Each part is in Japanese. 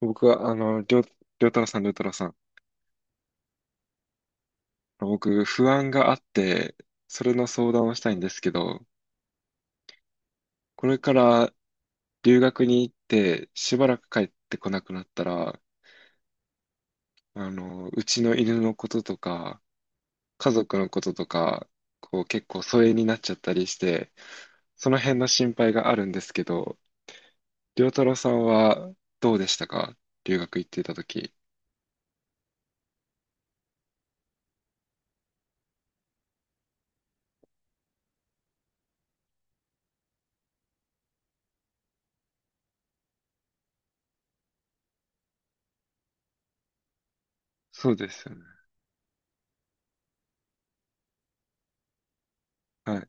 僕は、りょうたろうさん、りょうたろうさん。僕、不安があって、それの相談をしたいんですけど、これから留学に行って、しばらく帰ってこなくなったら、うちの犬のこととか、家族のこととか、結構疎遠になっちゃったりして、その辺の心配があるんですけど、りょうたろうさんはどうでしたか、留学行ってた時。そうですよね。はい、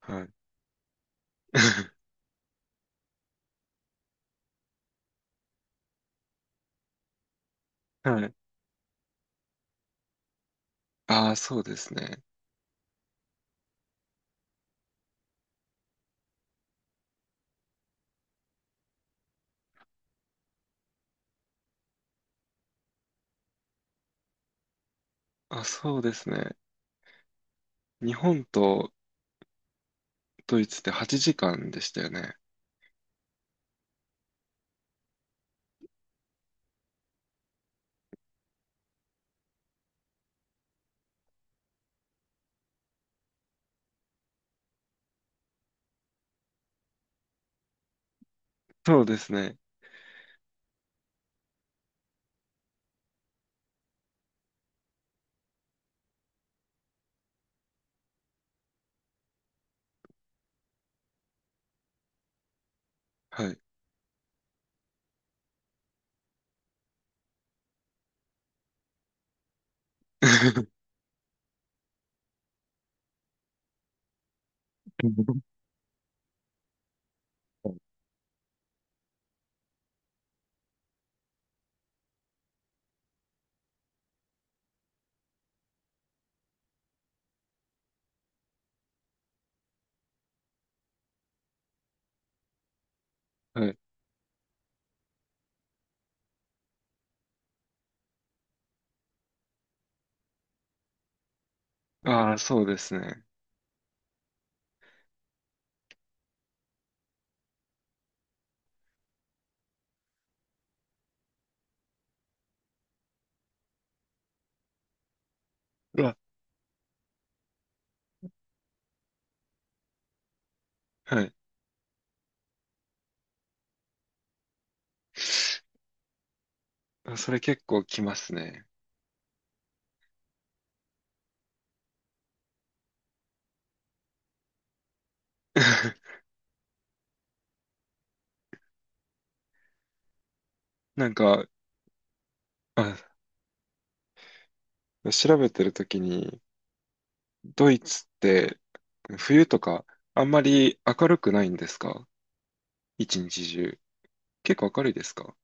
はい。はい。ああ、そうですね。あ、そうですね。日本とドイツって8時間でしたよね。そうですね。はい。はい。ああ、そうですね。うわ、はい。あ、それ結構きますね。なんか、あ、調べてるときに、ドイツって冬とかあんまり明るくないんですか、一日中。結構明るいですか。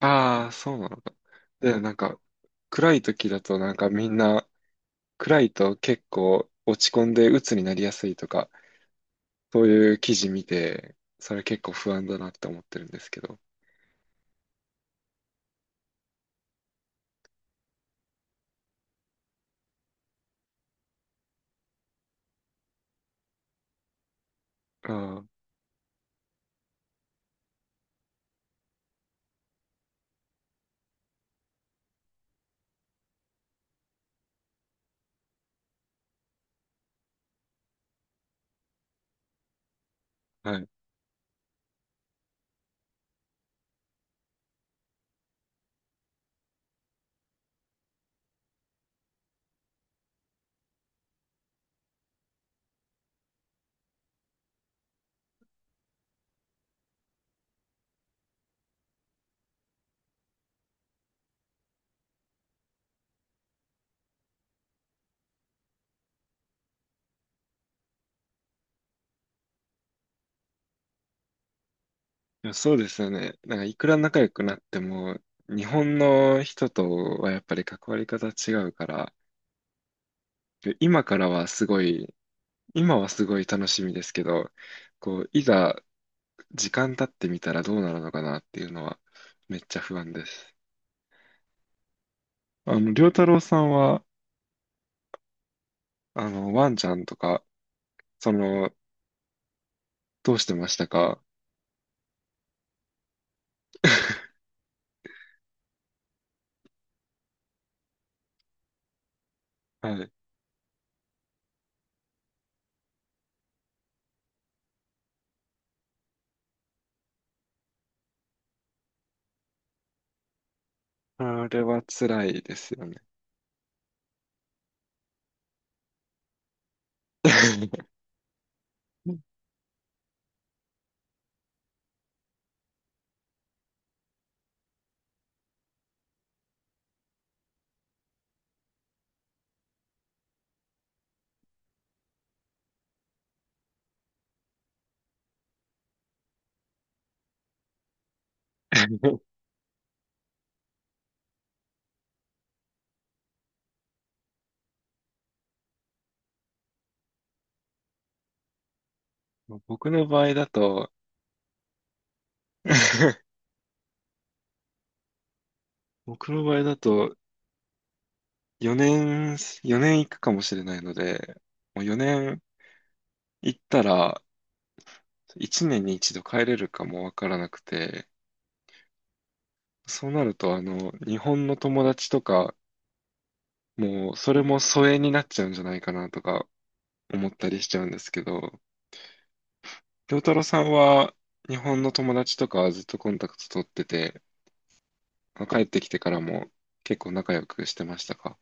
ああー、そうなのか。で、なんか、暗い時だとなんかみんな、暗いと結構落ち込んで鬱になりやすいとか、そういう記事見て、それ結構不安だなって思ってるんですけど。ああ、はい。いや、そうですよね。なんかいくら仲良くなっても、日本の人とはやっぱり関わり方違うから、今からはすごい、今はすごい楽しみですけど、こう、いざ時間経ってみたらどうなるのかなっていうのはめっちゃ不安です。良太郎さんは、ワンちゃんとか、その、どうしてましたか。 はい。あれは辛いですよね。僕の場合だと 僕の場合だと4年、4年行くかもしれないので、もう4年行ったら、1年に一度帰れるかもわからなくて、そうなると日本の友達とか、もうそれも疎遠になっちゃうんじゃないかなとか思ったりしちゃうんですけど、良太郎さんは日本の友達とかはずっとコンタクト取ってて、帰ってきてからも結構仲良くしてましたか。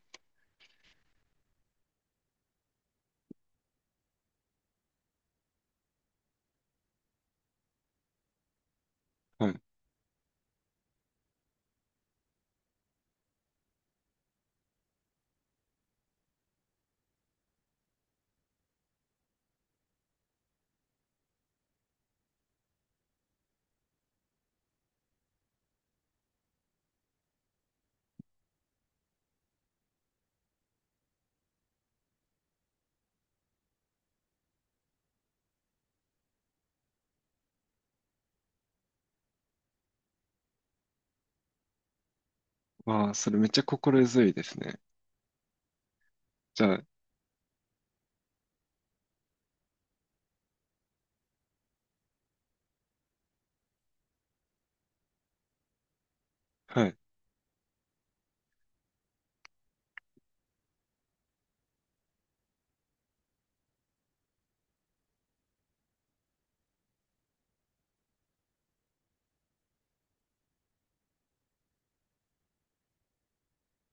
はい。わあ、それめっちゃ心強いですね。じゃあ、はい。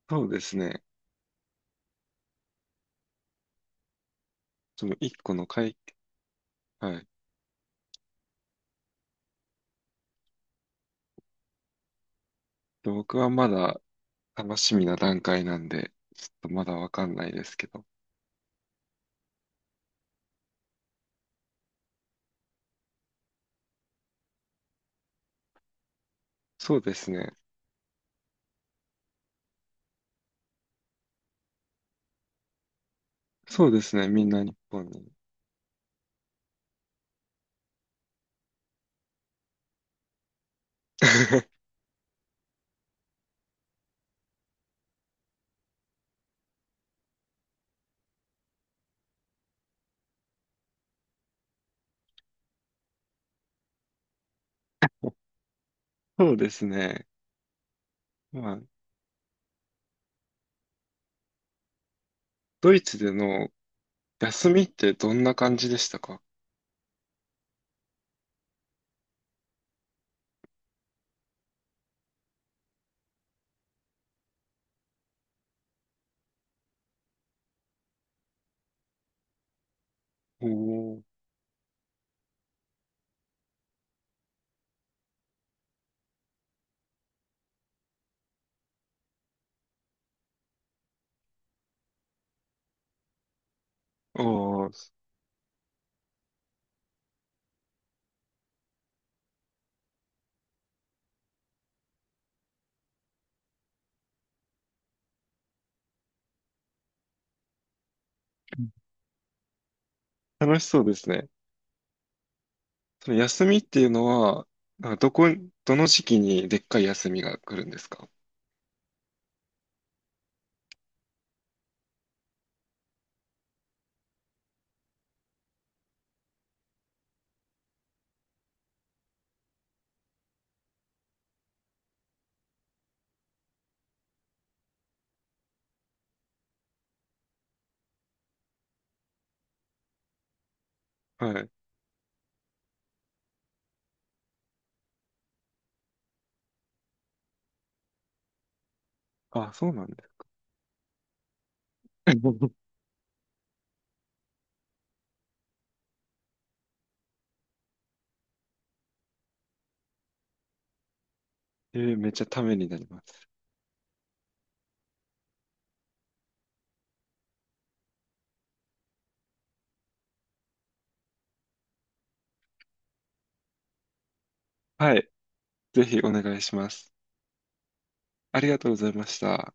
そうですね。その一個の解、はい。僕はまだ楽しみな段階なんで、ちょっとまだわかんないですけど。そうですね。そうですね。みんな日本に。そうですね。まあ、ドイツでの休みってどんな感じでしたか。おー、おー、楽しそうですね。その休みっていうのは、なんかどこ、どの時期にでっかい休みが来るんですか。はい。あ、そうなんですか。えーめっちゃためになります。はい。ぜひお願いします。ありがとうございました。